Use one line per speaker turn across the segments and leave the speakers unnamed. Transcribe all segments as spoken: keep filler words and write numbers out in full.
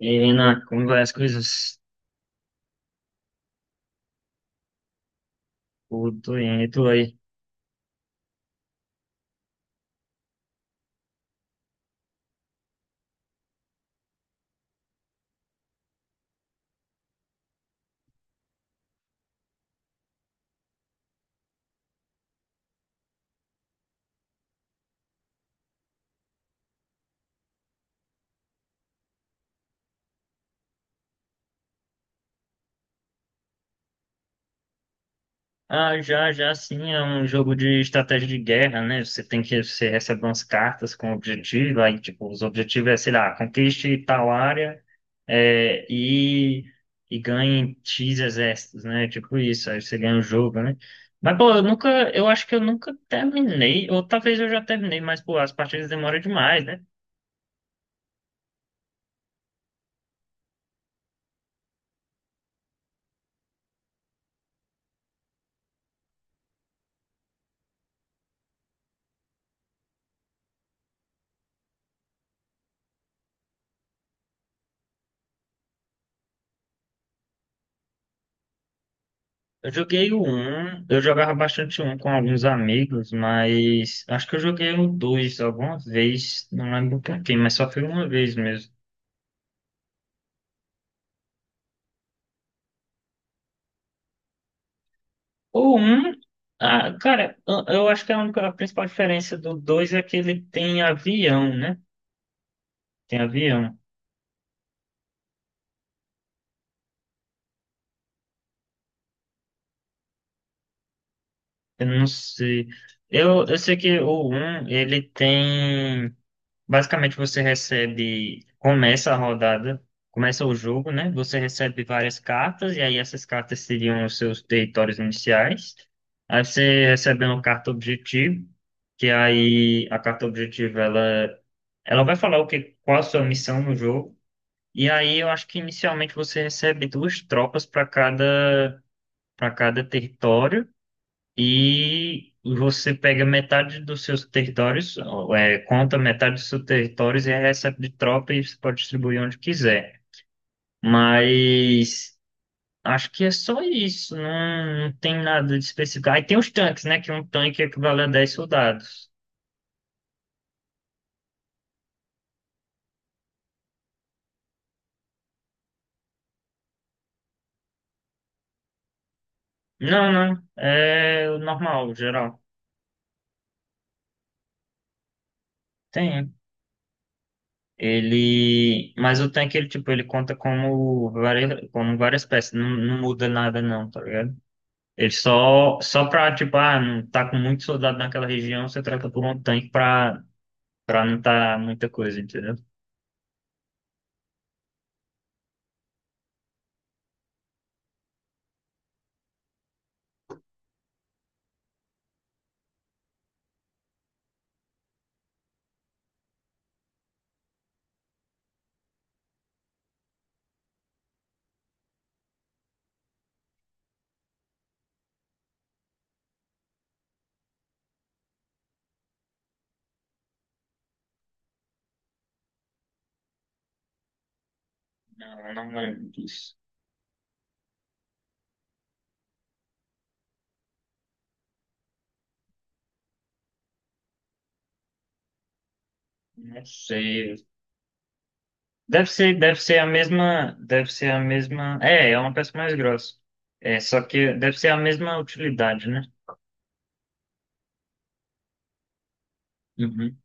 E aí, Renan, como vai as coisas? Tudo bem, e tu aí? Ah, já, já sim, é um jogo de estratégia de guerra, né? Você tem que, você recebe umas cartas com objetivo, aí, tipo, os objetivos é, sei lá, conquiste tal área, é, e, e ganhe X exércitos, né? Tipo isso, aí você ganha o jogo, né? Mas, pô, eu nunca, eu acho que eu nunca terminei, ou talvez eu já terminei, mas, pô, as partidas demoram demais, né? Eu joguei o um, eu jogava bastante um com alguns amigos, mas acho que eu joguei o dois alguma vez, não lembro por quê, mas só foi uma vez mesmo. O um, ah, cara, eu eu acho que a única, a principal diferença do dois é que ele tem avião, né? Tem avião, eu não sei. Eu, eu sei que o um ele tem. Basicamente, você recebe, começa a rodada, começa o jogo, né? Você recebe várias cartas, e aí essas cartas seriam os seus territórios iniciais. Aí você recebe uma carta objetivo, que aí a carta objetivo ela, ela vai falar o que, qual a sua missão no jogo. E aí eu acho que inicialmente você recebe duas tropas para cada, para cada território e você pega metade dos seus territórios, ou, é, conta metade dos seus territórios e recebe de tropa e você pode distribuir onde quiser. Mas acho que é só isso, não, não tem nada de específico. Aí tem os tanques, né? Que um tanque equivale a dez soldados. Não, não, é o normal, o geral. Tem. Ele, mas o tanque, ele tipo, ele conta como várias, como várias peças, não, não muda nada não, tá ligado? Ele só, só pra, tipo, ah, não tá com muito soldado naquela região, você troca por um tanque pra, pra não tá muita coisa, entendeu? Não, não lembro disso. Não sei. Deve ser, deve ser a mesma, deve ser a mesma. É, é uma peça mais grossa. É, só que deve ser a mesma utilidade, né? Uhum.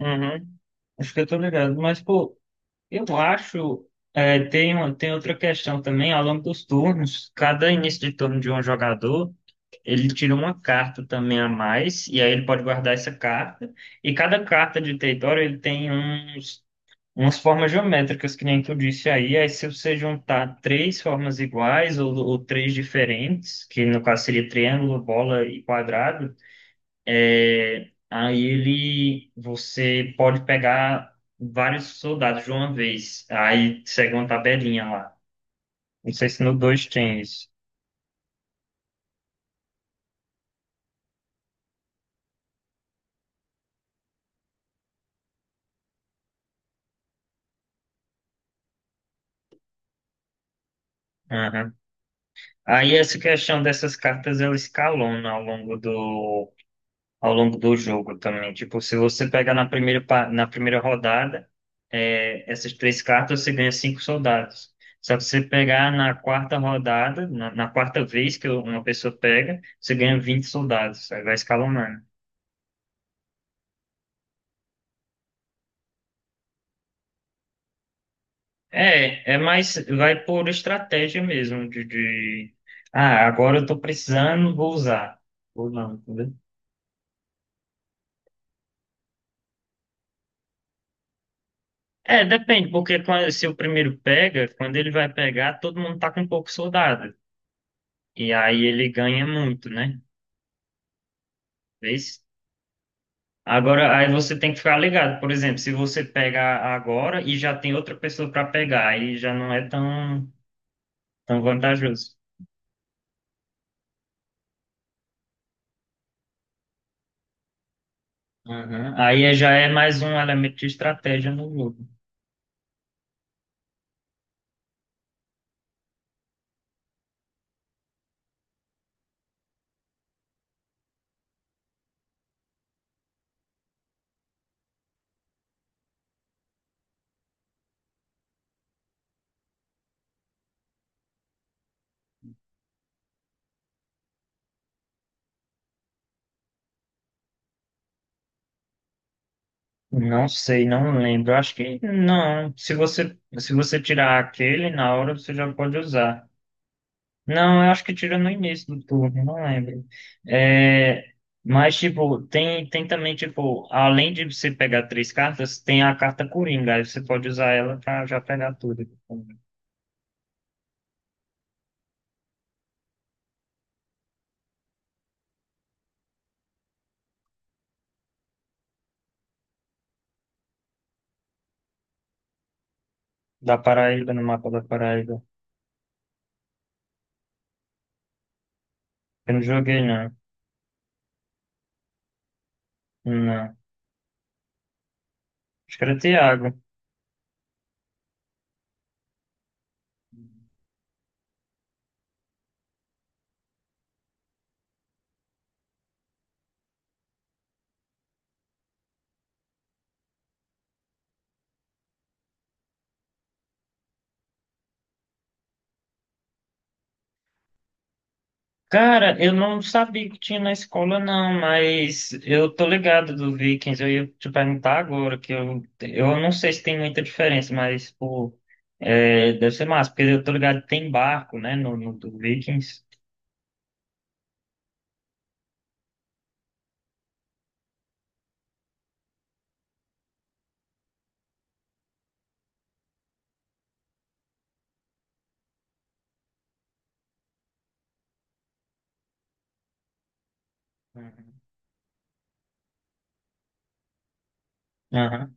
Uhum. Acho que eu tô ligado. Mas, pô, eu acho. é, tem, uma- tem outra questão também, ao longo dos turnos, cada início de turno de um jogador. Ele tira uma carta também a mais, e aí ele pode guardar essa carta. E cada carta de território ele tem uns, umas formas geométricas, que nem que eu disse aí. Aí se você juntar três formas iguais ou, ou três diferentes, que no caso seria triângulo, bola e quadrado, é, aí ele você pode pegar vários soldados de uma vez. Aí segue uma tabelinha lá. Não sei se no dois tem isso. Aí essa questão dessas cartas ela escalona ao longo do ao longo do jogo também. Tipo, se você pegar na primeira pa- na primeira rodada, é, essas três cartas você ganha cinco soldados. Só que se você pegar na quarta rodada, na, na quarta vez que uma pessoa pega, você ganha vinte soldados. Aí vai escalonando. É, é mais, vai por estratégia mesmo de, de... Ah, agora eu tô precisando, vou usar. Ou não, entendeu? É, depende, porque quando- se o primeiro pega, quando ele vai pegar, todo mundo tá com um pouco soldado. E aí ele ganha muito, né? Vês? Agora, aí você tem que ficar ligado. Por exemplo, se você pegar agora e já tem outra pessoa para pegar, aí já não é tão, tão vantajoso. Uhum. Aí é, já é mais um elemento de estratégia no jogo. Não sei, não lembro. Acho que não. Se você, se você tirar aquele, na hora você já pode usar. Não, eu acho que tira no início do turno, não lembro. É, mas, tipo, tem, tem também, tipo, além de você pegar três cartas, tem a carta Coringa, aí você pode usar ela pra já pegar tudo, tipo, da Paraíba, no mapa da Paraíba. Eu não joguei, não. Não. Acho que era Thiago. Cara, eu não sabia que tinha na escola, não, mas eu tô ligado do Vikings. Eu ia te perguntar agora, que eu, eu não sei se tem muita diferença, mas, pô, é, deve ser massa, porque eu tô ligado que tem barco, né, no, no do Vikings. Uhum. Aham.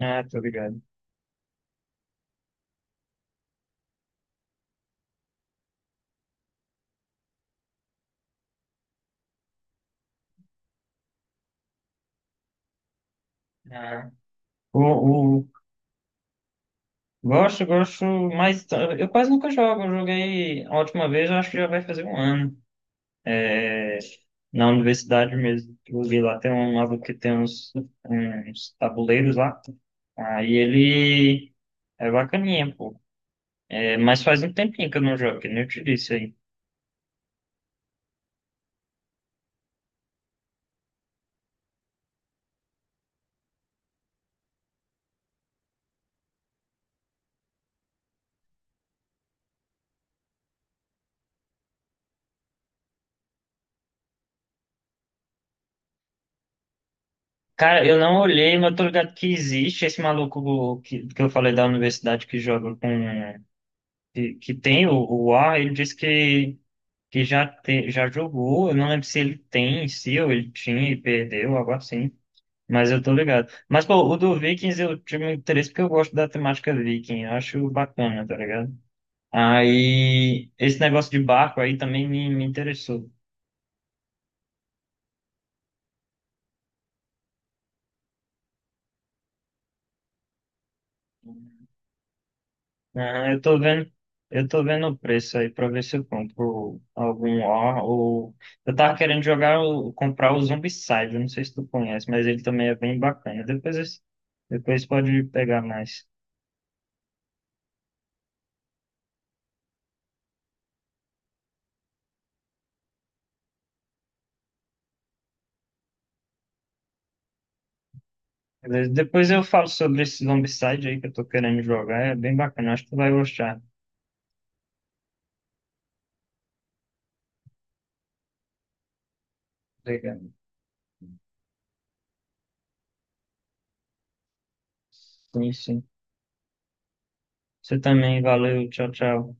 Ah, tô ligado. Aham. O, o, gosto, gosto, mas t- eu quase nunca jogo. Eu joguei a última vez, eu acho que já vai fazer um ano. É, na universidade mesmo. Eu vi lá, tem um lado que tem uns, uns tabuleiros lá. Aí ele é bacaninha, pô. É, mas faz um tempinho que eu não jogo, que nem eu te disse aí. Cara, eu não olhei, mas eu tô ligado que existe esse maluco que, que eu falei da universidade que joga com. Que, que tem o, o A, ele disse que, que já, te, já jogou. Eu não lembro se ele tem em si ou ele tinha e perdeu, algo assim. Mas eu tô ligado. Mas, pô, o do Vikings eu tive um interesse porque eu gosto da temática Viking. Eu acho bacana, tá ligado? Aí, esse negócio de barco aí também me, me interessou. Aham, eu tô vendo, eu tô vendo o preço aí pra ver se eu compro algum ó, ou... Eu tava querendo jogar, o- comprar o Zombicide, eu não sei se tu conhece, mas ele também é bem bacana. Depois, esse- depois pode pegar mais. Beleza? Depois eu falo sobre esse Zombicide aí que eu tô querendo jogar, é bem bacana, acho que tu vai gostar. Legal. Sim, sim. Você também, valeu, tchau, tchau.